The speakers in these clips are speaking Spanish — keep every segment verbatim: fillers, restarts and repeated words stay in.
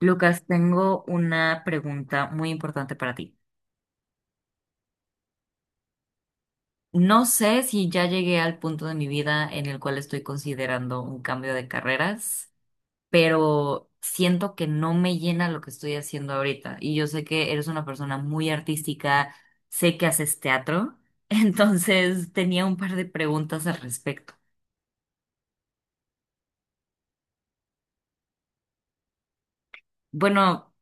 Lucas, tengo una pregunta muy importante para ti. No sé si ya llegué al punto de mi vida en el cual estoy considerando un cambio de carreras, pero siento que no me llena lo que estoy haciendo ahorita. Y yo sé que eres una persona muy artística, sé que haces teatro, entonces tenía un par de preguntas al respecto. Bueno,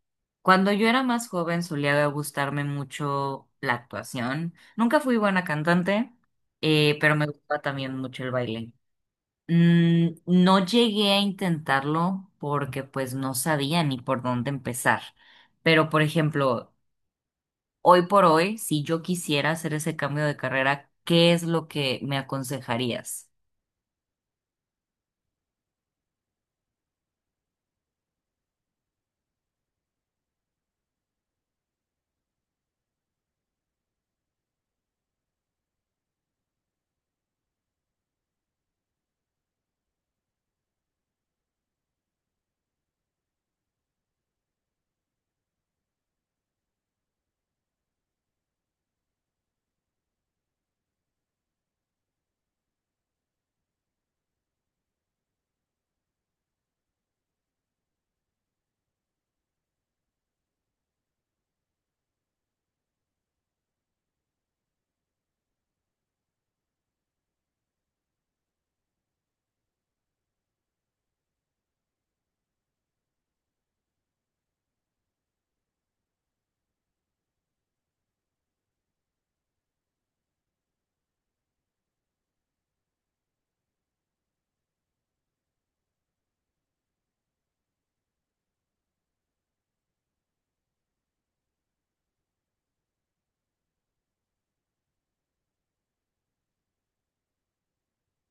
cuando yo era más joven solía gustarme mucho la actuación. Nunca fui buena cantante, eh, pero me gustaba también mucho el baile. Mm, no llegué a intentarlo porque pues no sabía ni por dónde empezar. Pero por ejemplo, hoy por hoy, si yo quisiera hacer ese cambio de carrera, ¿qué es lo que me aconsejarías?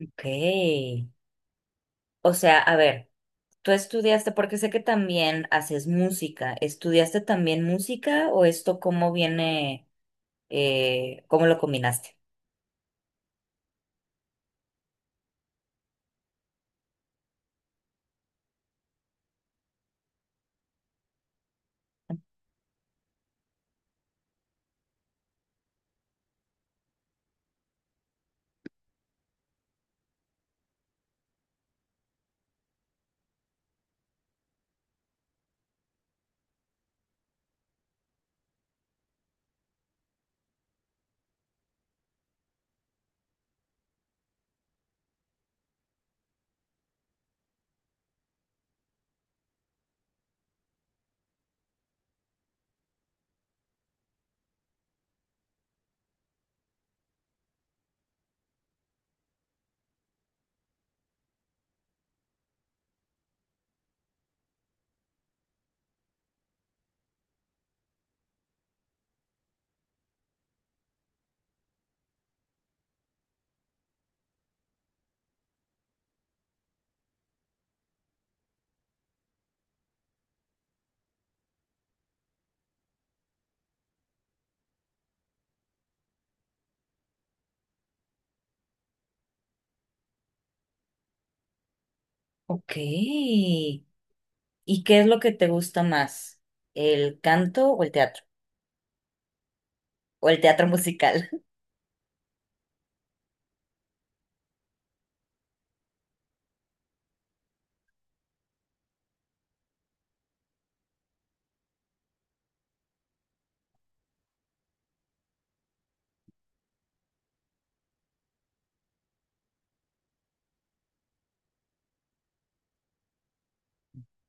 Ok. O sea, a ver. Tú estudiaste, porque sé que también haces música. ¿Estudiaste también música o esto cómo viene, eh, cómo lo combinaste? Ok. ¿Y qué es lo que te gusta más? ¿El canto o el teatro? ¿O el teatro musical?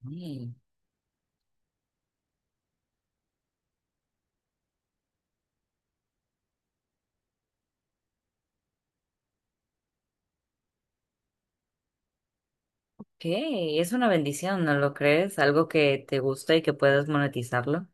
Mm, ok, es una bendición, ¿no lo crees? Algo que te gusta y que puedes monetizarlo.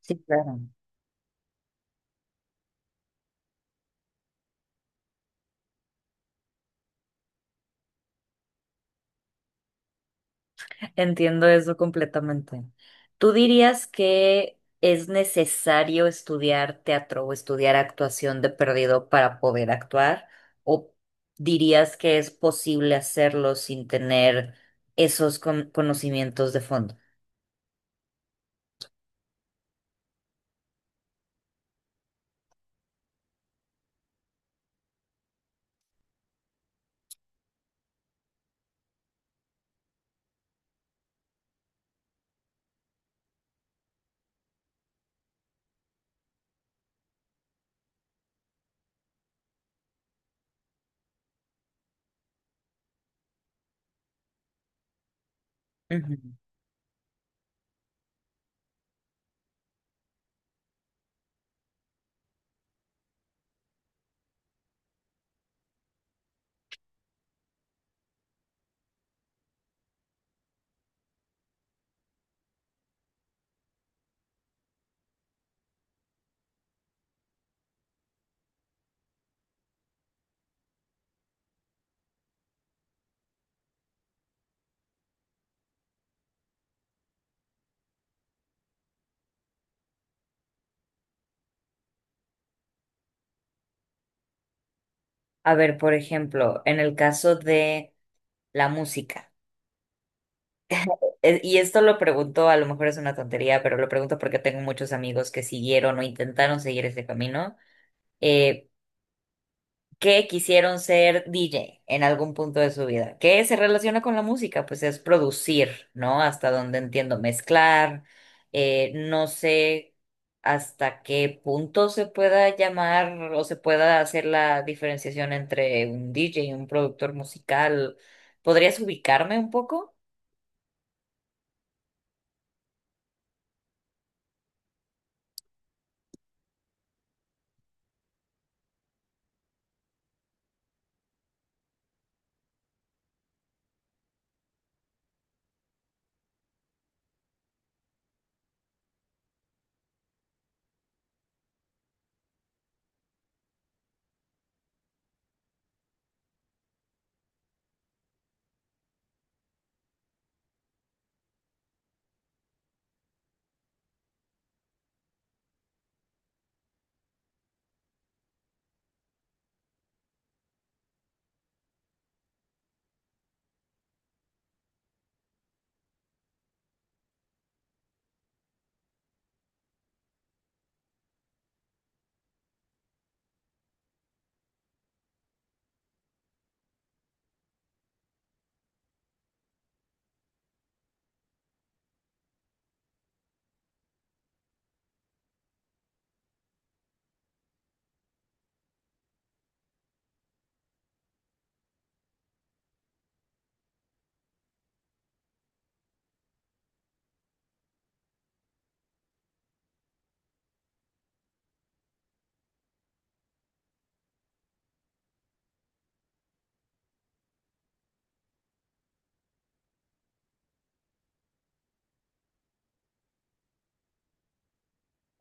Sí, claro. Entiendo eso completamente. ¿Tú dirías que es necesario estudiar teatro o estudiar actuación de perdido para poder actuar? ¿O dirías que es posible hacerlo sin tener esos con- conocimientos de fondo? Ujú. A ver, por ejemplo, en el caso de la música, e- y esto lo pregunto, a lo mejor es una tontería, pero lo pregunto porque tengo muchos amigos que siguieron o intentaron seguir ese camino. Eh, que quisieron ser D J en algún punto de su vida, que se relaciona con la música, pues es producir, ¿no? Hasta donde entiendo, mezclar, eh, no sé hasta qué punto se pueda llamar o se pueda hacer la diferenciación entre un D J y un productor musical. ¿Podrías ubicarme un poco?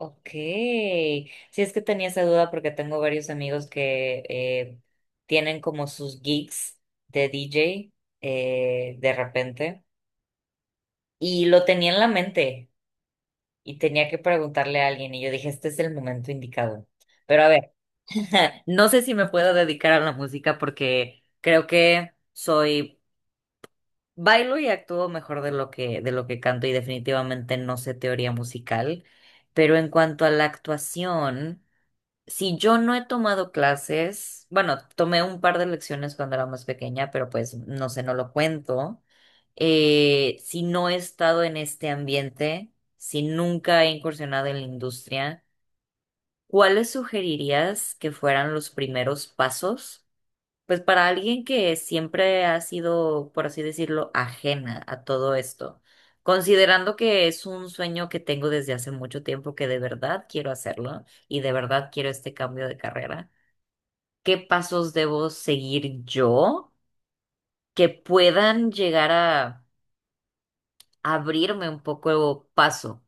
Ok, si es que tenía esa duda porque tengo varios amigos que eh, tienen como sus gigs de D J eh, de repente y lo tenía en la mente y tenía que preguntarle a alguien y yo dije, este es el momento indicado. Pero a ver, no sé si me puedo dedicar a la música porque creo que soy, bailo y actúo mejor de lo que, de lo que canto y definitivamente no sé teoría musical, pero en cuanto a la actuación. Si yo no he tomado clases, bueno, tomé un par de lecciones cuando era más pequeña, pero pues no sé, no lo cuento. Eh, si no he estado en este ambiente, si nunca he incursionado en la industria, ¿cuáles sugerirías que fueran los primeros pasos? Pues para alguien que siempre ha sido, por así decirlo, ajena a todo esto, considerando que es un sueño que tengo desde hace mucho tiempo que de verdad quiero hacerlo y de verdad quiero este cambio de carrera, qué pasos debo seguir yo que puedan llegar a abrirme un poco paso.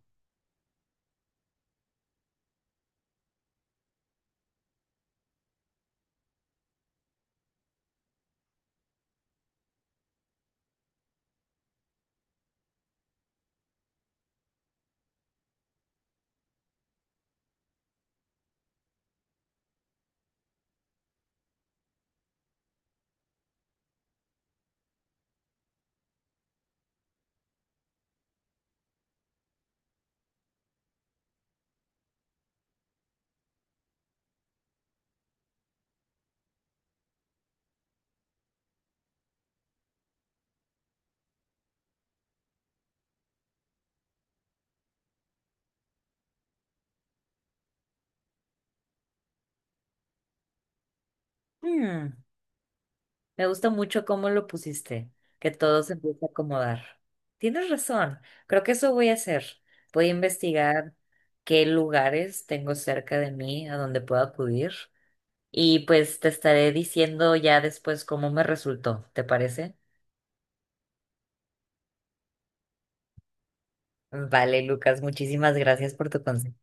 Mm, me gusta mucho cómo lo pusiste, que todo se empieza a acomodar. Tienes razón, creo que eso voy a hacer. Voy a investigar qué lugares tengo cerca de mí a donde puedo acudir y pues te estaré diciendo ya después cómo me resultó, ¿te parece? Vale, Lucas, muchísimas gracias por tu consejo.